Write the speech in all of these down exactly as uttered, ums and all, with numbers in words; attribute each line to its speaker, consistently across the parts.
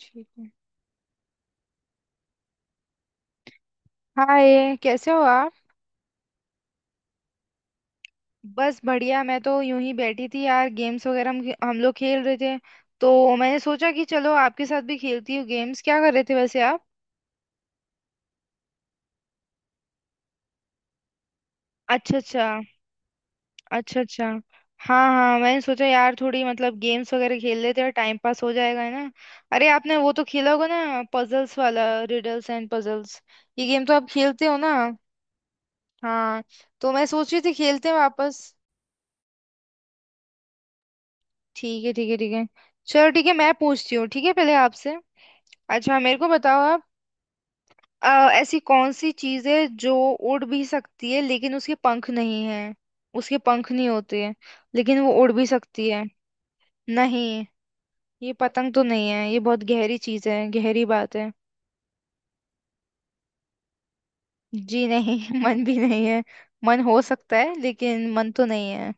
Speaker 1: ठीक है। हाय कैसे हो आप। बस बढ़िया, मैं तो यूं ही बैठी थी यार, गेम्स वगैरह हम हम लोग खेल रहे थे तो मैंने सोचा कि चलो आपके साथ भी खेलती हूँ। गेम्स क्या कर रहे थे वैसे आप? अच्छा अच्छा। अच्छा अच्छा। हाँ हाँ मैंने सोचा यार थोड़ी मतलब गेम्स वगैरह खेल लेते हैं, टाइम पास हो जाएगा, है ना। अरे आपने वो तो खेला होगा ना, पजल्स वाला, रिडल्स एंड पजल्स। ये गेम तो आप खेलते हो ना। हाँ। तो मैं सोच रही थी खेलते हैं वापस। ठीक है ठीक है ठीक है। चलो ठीक है मैं पूछती हूँ, ठीक है पहले आपसे। अच्छा मेरे को बताओ आप। अ, ऐसी कौन सी चीज है जो उड़ भी सकती है लेकिन उसके पंख नहीं है। उसके पंख नहीं होते हैं लेकिन वो उड़ भी सकती है। नहीं, ये पतंग तो नहीं है, ये बहुत गहरी चीज है, गहरी बात है। जी नहीं मन भी नहीं है। मन हो सकता है लेकिन मन तो नहीं है।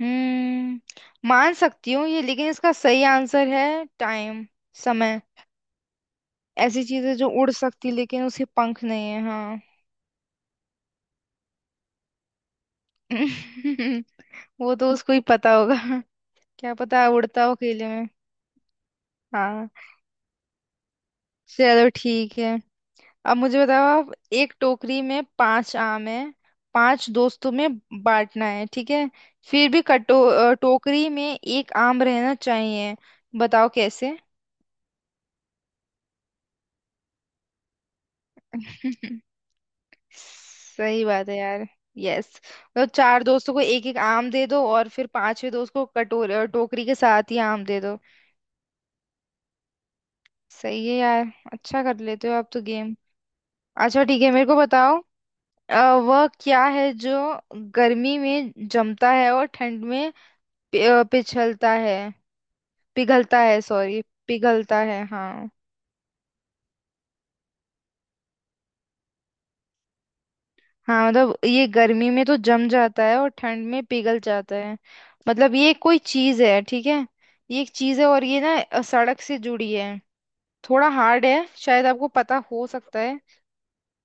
Speaker 1: हम्म मान सकती हूँ ये लेकिन इसका सही आंसर है टाइम। समय। ऐसी चीज है जो उड़ सकती लेकिन उसके पंख नहीं है, हाँ। वो तो उसको ही पता होगा। क्या पता उड़ता हो खेले में। हाँ। चलो ठीक है। अब मुझे बताओ आप, एक टोकरी में पांच आम है, पांच दोस्तों में बांटना है, ठीक है। फिर भी कटो अ, टोकरी में एक आम रहना चाहिए। बताओ कैसे। सही बात है यार। यस। मतलब चार दोस्तों को एक एक आम दे दो और फिर पांचवे दोस्त को कटोर अ, टोकरी के साथ ही आम दे दो। सही है यार। अच्छा कर लेते हो आप तो गेम। अच्छा ठीक है मेरे को बताओ। अ, वह क्या है जो गर्मी में जमता है और ठंड में पि- अ, पिछलता है। पिघलता है सॉरी, पिघलता है हाँ। हाँ मतलब ये गर्मी में तो जम जाता है और ठंड में पिघल जाता है। मतलब ये कोई चीज है, ठीक है। ये एक चीज है और ये ना अ, सड़क से जुड़ी है। थोड़ा हार्ड है, शायद आपको पता हो सकता है,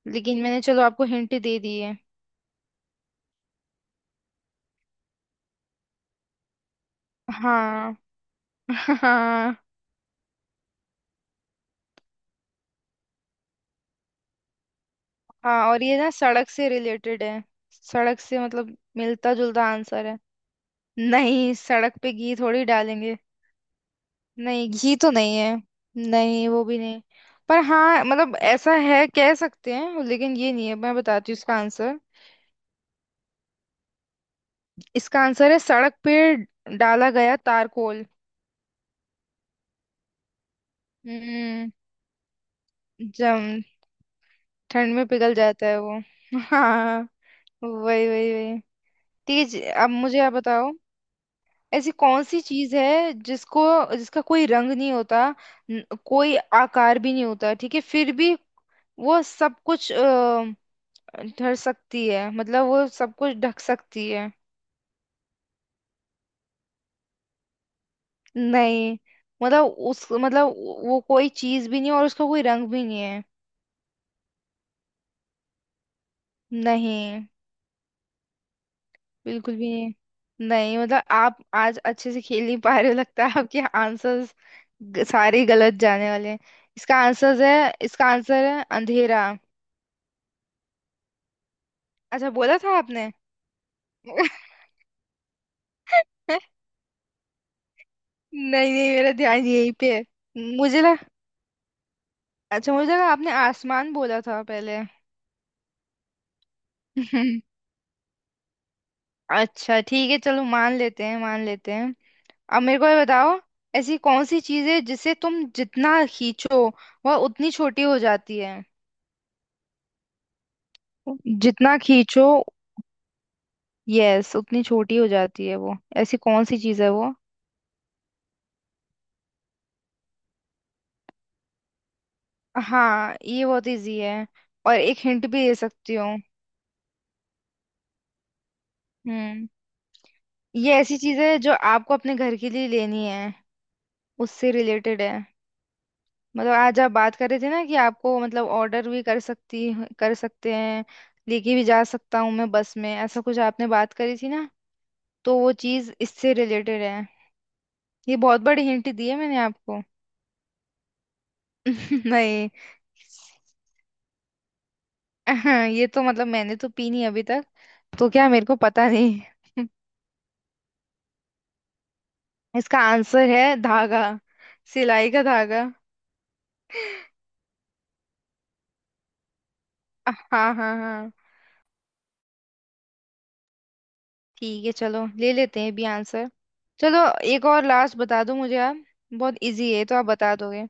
Speaker 1: लेकिन मैंने चलो आपको हिंट दे दी है। हाँ। हाँ। हाँ और ये ना सड़क से रिलेटेड है, सड़क से मतलब मिलता जुलता आंसर है। नहीं, सड़क पे घी थोड़ी डालेंगे। नहीं, घी तो नहीं है। नहीं, वो भी नहीं। पर हाँ मतलब ऐसा है कह सकते हैं लेकिन ये नहीं है, मैं बताती हूँ इसका आंसर। इसका आंसर है सड़क पे डाला गया तारकोल। हम्म जम। ठंड में पिघल जाता है वो हाँ। वही वही वही। ठीक है जी, अब मुझे आप बताओ। ऐसी कौन सी चीज है जिसको जिसका कोई रंग नहीं होता, न- कोई आकार भी नहीं होता, ठीक है, फिर भी वो सब कुछ अ, ढर सकती है मतलब वो सब कुछ ढक सकती है। नहीं मतलब उस मतलब वो कोई चीज भी नहीं और उसका कोई रंग भी नहीं है। नहीं। बिल्कुल भी नहीं। नहीं मतलब आप आज अच्छे से खेल नहीं पा रहे हो लगता है, आपके आंसर्स सारे गलत जाने वाले हैं। इसका आंसर है, इसका आंसर है अंधेरा। अच्छा बोला था आपने। नहीं नहीं मेरा ध्यान यहीं पे है। मुझे लगा, अच्छा मुझे लगा आपने आसमान बोला था पहले। हम्म, अच्छा ठीक है चलो मान लेते हैं मान लेते हैं। अब मेरे को ये बताओ, ऐसी कौन सी चीज है जिसे तुम जितना खींचो वह उतनी छोटी हो जाती है। जितना खींचो, यस, उतनी छोटी हो जाती है वो। ऐसी कौन सी चीज है वो। हाँ ये बहुत इजी है, और एक हिंट भी दे सकती हूँ। हम्म। ये ऐसी चीज है जो आपको अपने घर के लिए लेनी है, उससे रिलेटेड है। मतलब आज आप बात कर रहे थे ना कि आपको मतलब ऑर्डर भी कर सकती, कर सकते हैं, लेके भी जा सकता हूँ मैं बस में, ऐसा कुछ आपने बात करी थी ना। तो वो चीज इससे रिलेटेड है। ये बहुत बड़ी हिंट दी है मैंने आपको नहीं। ये तो मतलब मैंने तो पी नहीं अभी तक, तो क्या मेरे को पता नहीं। इसका आंसर है धागा, सिलाई का धागा हाँ हाँ हाँ। ठीक है चलो ले लेते हैं भी आंसर। चलो, एक और लास्ट बता दो मुझे आप। बहुत इजी है तो आप बता दोगे।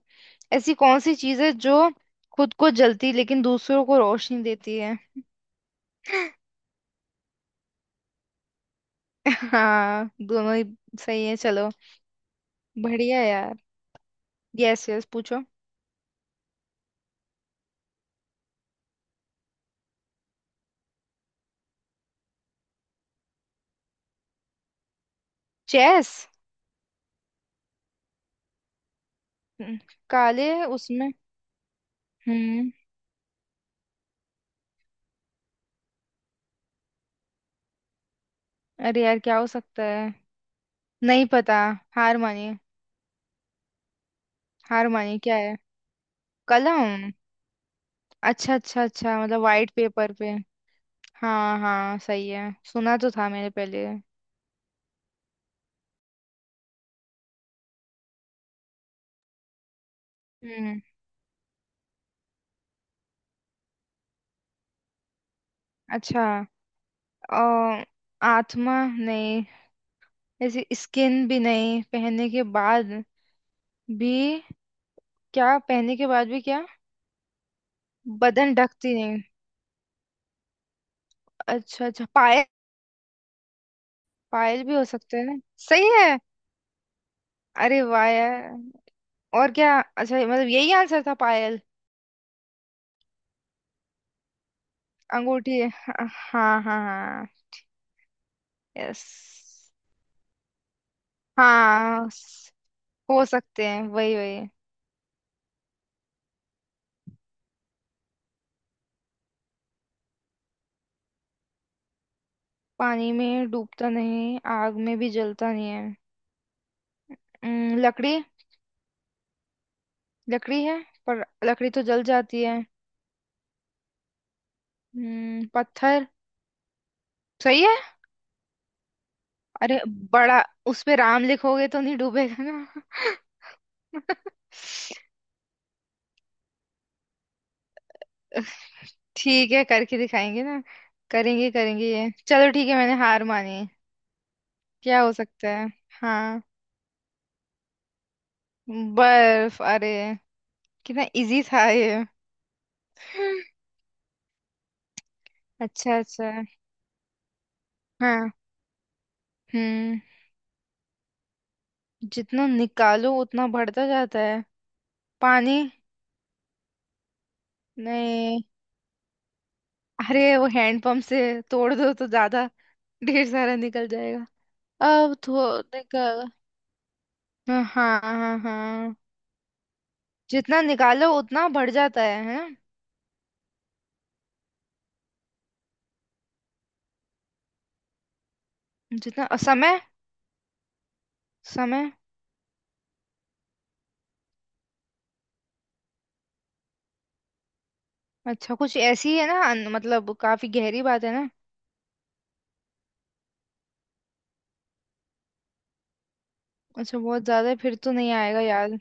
Speaker 1: ऐसी कौन सी चीज़ है जो खुद को जलती लेकिन दूसरों को रोशनी देती है। हाँ दोनों ही। सही है चलो। बढ़िया यार। यस यस पूछो। चेस। काले है उसमें। हम्म। अरे यार क्या हो सकता है, नहीं पता, हार मानिए। हार मानिए क्या है। कलम। अच्छा अच्छा अच्छा मतलब वाइट पेपर पे। हाँ हाँ सही है, सुना तो था मैंने पहले। हम्म। अच्छा। अ, आत्मा नहीं। ऐसे स्किन भी नहीं पहनने के बाद भी। क्या पहनने के बाद भी क्या। बदन ढकती नहीं। अच्छा अच्छा पायल। पायल भी हो सकते हैं। सही है। अरे वाह यार। और क्या अच्छा मतलब यही आंसर था पायल। अंगूठी हाँ हाँ हाँ। यस। हाँ। हो सकते हैं वही वही। पानी में डूबता नहीं आग में भी जलता नहीं है। हम्म, लकड़ी, लकड़ी है पर लकड़ी तो जल जाती है। हम्म, पत्थर। सही है। अरे बड़ा, उस पे राम लिखोगे तो नहीं डूबेगा ना। ठीक है करके दिखाएंगे ना। करेंगे करेंगे ये, चलो ठीक है मैंने हार मानी। क्या हो सकता है। हाँ। बर्फ, अरे कितना इजी था ये। अच्छा अच्छा हाँ। हम्म जितना निकालो उतना बढ़ता जाता है। पानी। नहीं, अरे वो हैंडपंप से तोड़ दो तो ज्यादा ढेर सारा निकल जाएगा। अब तो निकल, हाँ हाँ हाँ हाँ। जितना निकालो उतना बढ़ जाता है है ना। जितना अ, समय, समय। अच्छा कुछ ऐसी है ना अन- मतलब काफी गहरी बात है ना। अच्छा बहुत ज्यादा है, फिर तो नहीं आएगा यार।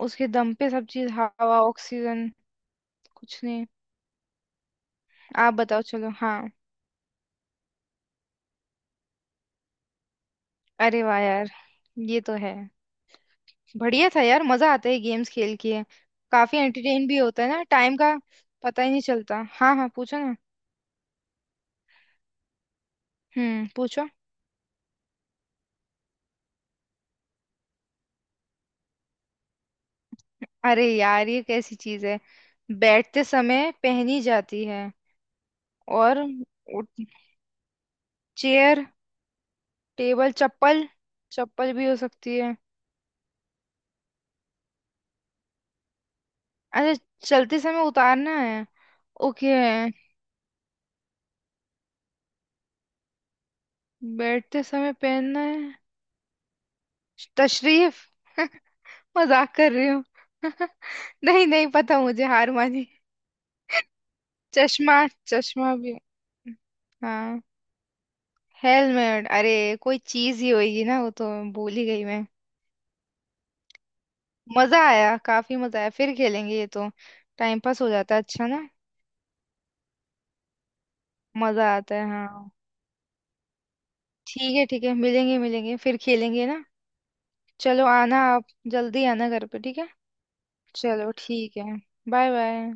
Speaker 1: उसके दम पे सब चीज हवा ऑक्सीजन। कुछ नहीं। आप बताओ चलो हाँ। अरे वाह यार। ये तो है। बढ़िया था यार मजा आता है गेम्स खेल के। काफी एंटरटेन भी होता है ना टाइम का, पता ही नहीं चलता। हाँ हाँ पूछो ना। हम्म पूछो। अरे यार ये कैसी चीज है। बैठते समय पहनी जाती है और उठ- चेयर, टेबल, चप्पल। चप्पल भी हो सकती है। अच्छा चलते समय उतारना है। ओके। बैठते समय पहनना है। तशरीफ। मजाक कर रही हूँ। नहीं नहीं पता मुझे, हार मानी। चश्मा, चश्मा भी। हाँ। हेलमेट अरे कोई चीज ही होगी ना वो तो, भूल ही गई मैं। मजा आया, काफी मजा आया, फिर खेलेंगे ये तो। टाइम पास हो जाता है, अच्छा ना। मजा आता है, हाँ। ठीक है ठीक है, मिलेंगे मिलेंगे फिर खेलेंगे ना। चलो, आना आप, जल्दी आना घर पे, ठीक है। चलो ठीक है, बाय बाय।